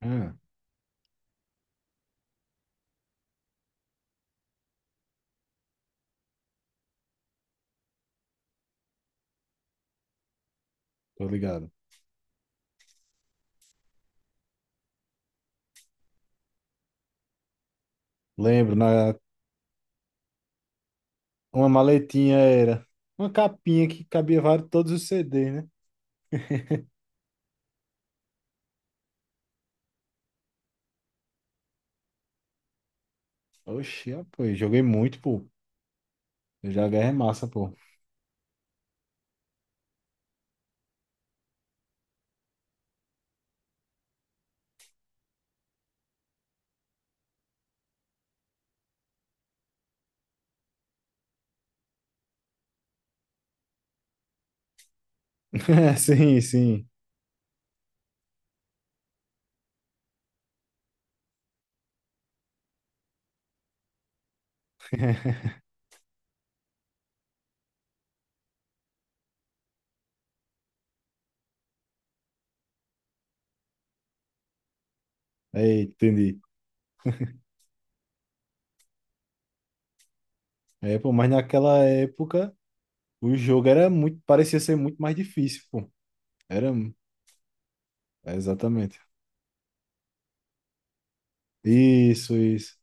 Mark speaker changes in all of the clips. Speaker 1: Ah, tô ligado. Lembro, uma maletinha era uma capinha que cabia vários, todos os CDs, né? Oxi, ah, pô, eu joguei muito, pô. Eu já é massa, pô. Sim, sim. Aí, entendi. É, pô, mas naquela época o jogo era parecia ser muito mais difícil, pô. Era, é, exatamente. Isso, isso,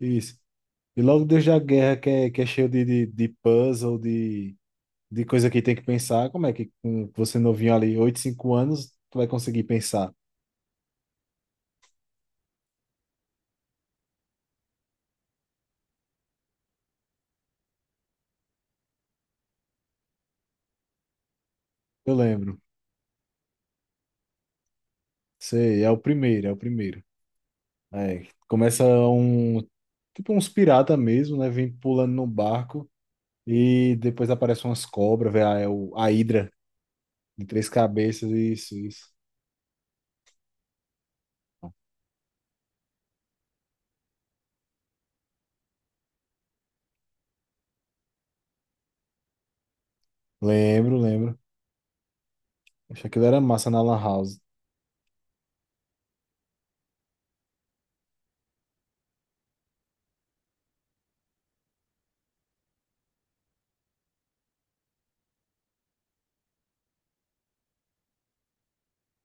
Speaker 1: isso. E logo desde a guerra que é cheio de, de puzzle, de coisa que tem que pensar, como é que com você novinho ali, 8, 5 anos, tu vai conseguir pensar? Eu lembro. Sei, é o primeiro, é o primeiro. É, começa um, tipo uns pirata mesmo, né? Vem pulando no barco e depois aparecem umas cobras, velho, ah, a Hidra de três cabeças, isso, isso. Lembro, lembro. Acho que aquilo era massa na Lan House.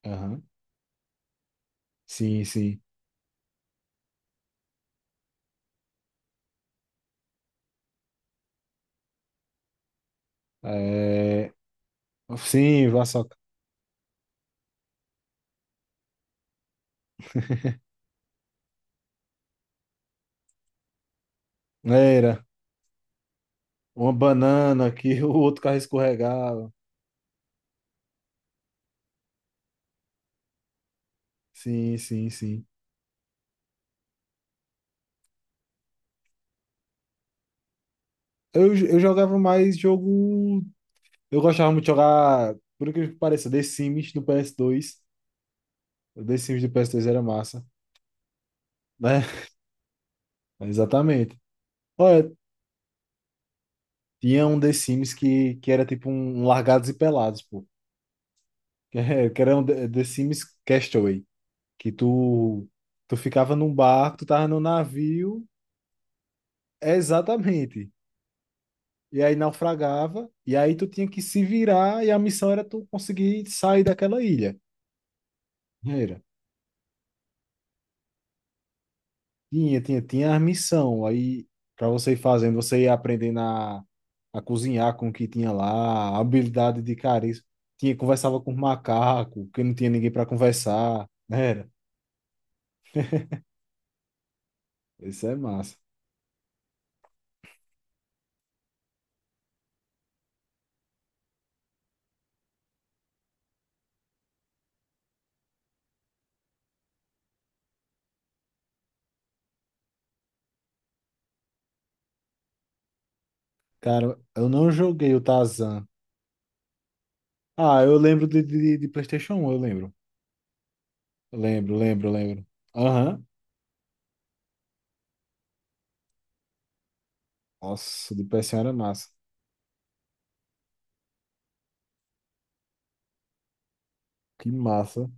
Speaker 1: Aham. Sim, sim. É. Sim, Vassoca. Era uma banana que o outro carro escorregava. Sim, sim, sim. Eu jogava mais jogo. Eu gostava muito de jogar, por incrível que pareça, The Sims do PS2. O The Sims do PS2 era massa, né? Exatamente. Olha, tinha um The Sims que era tipo um Largados e Pelados, pô. Que era um The Sims Castaway. Que tu ficava num barco, tu tava num navio. É, exatamente. E aí naufragava, e aí tu tinha que se virar, e a missão era tu conseguir sair daquela ilha. Era. Tinha a missão. Aí, para você ir fazendo, você ia aprendendo a cozinhar com o que tinha lá, a habilidade de carisma. Tinha, conversava com macaco, que não tinha ninguém para conversar, né? Era. Isso é massa. Cara, eu não joguei o Tarzan. Ah, eu lembro de, de PlayStation 1, eu lembro. Lembro, lembro, lembro. Aham. Nossa, de PS1 era massa. Que massa.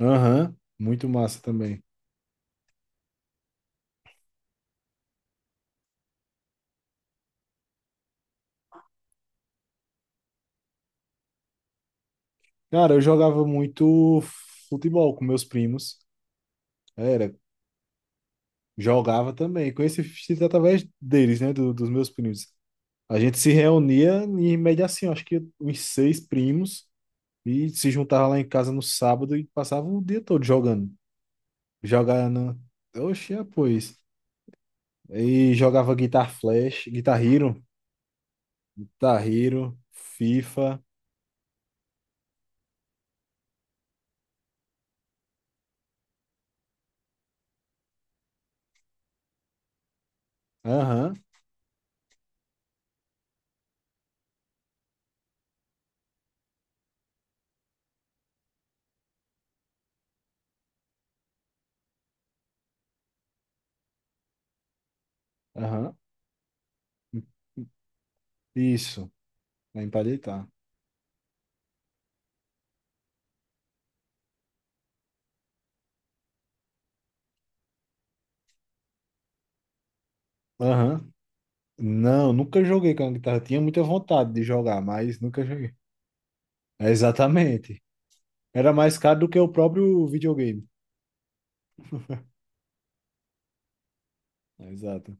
Speaker 1: Aham. Muito massa também. Cara, eu jogava muito futebol com meus primos. Era, jogava também. Conheci Fichita através deles, né? dos meus primos. A gente se reunia em média assim, eu acho que uns seis primos, e se juntava lá em casa no sábado e passava o dia todo jogando. Jogando. Oxe, é, pois. E jogava Guitar Flash, Guitar Hero, Guitar Hero, FIFA. Aham, aham. Isso. Aí pra deitar. Aham. Não, nunca joguei com a guitarra. Tinha muita vontade de jogar, mas nunca joguei. Exatamente. Era mais caro do que o próprio videogame. Exato.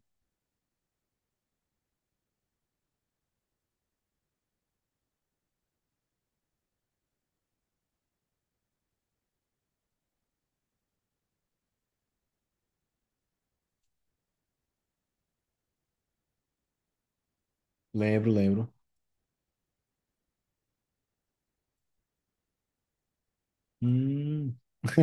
Speaker 1: Lembro, lembro. Hum.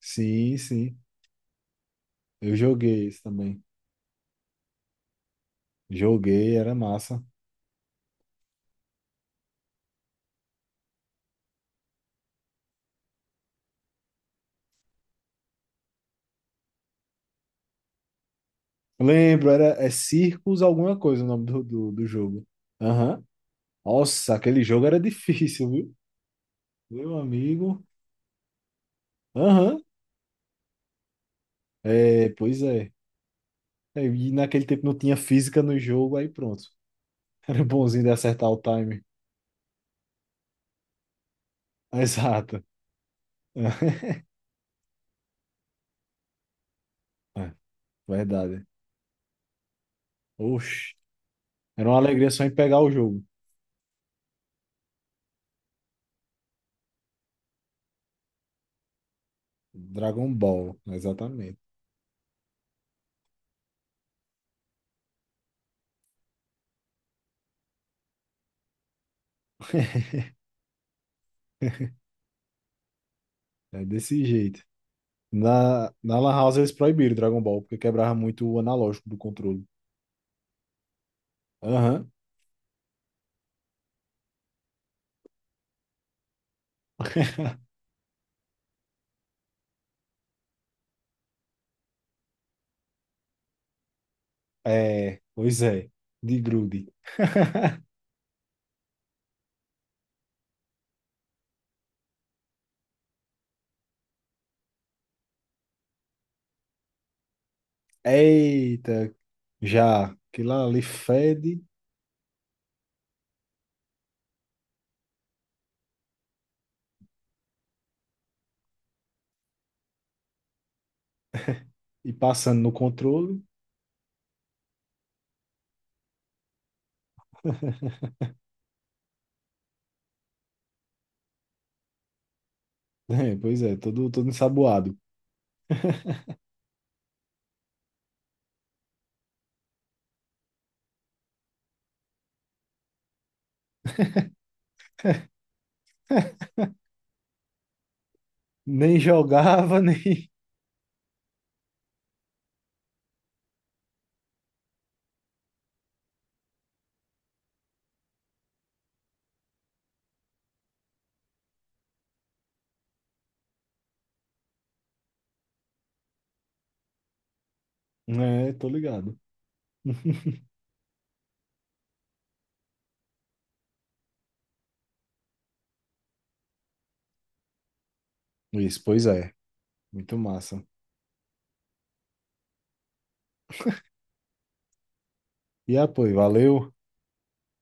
Speaker 1: Sim, sim. Eu joguei isso também. Joguei, era massa. Lembro, era é Circus alguma coisa o nome do jogo. Aham. Nossa, aquele jogo era difícil, viu? Meu amigo. Aham. É, pois é. É, e naquele tempo não tinha física no jogo, aí pronto. Era bonzinho de acertar o time. Exato. É, verdade. Oxe. Era uma alegria só em pegar o jogo. Dragon Ball, exatamente. É desse jeito. Na Lan House eles proibiram Dragon Ball, porque quebrava muito o analógico do controle. Aham. É, pois é. De grude. Eita, já. Que lá ali fede e passando no controle. É, pois é, todo, todo ensaboado. Nem jogava, nem. É, tô ligado. Isso, pois é. Muito massa. E apoio, valeu.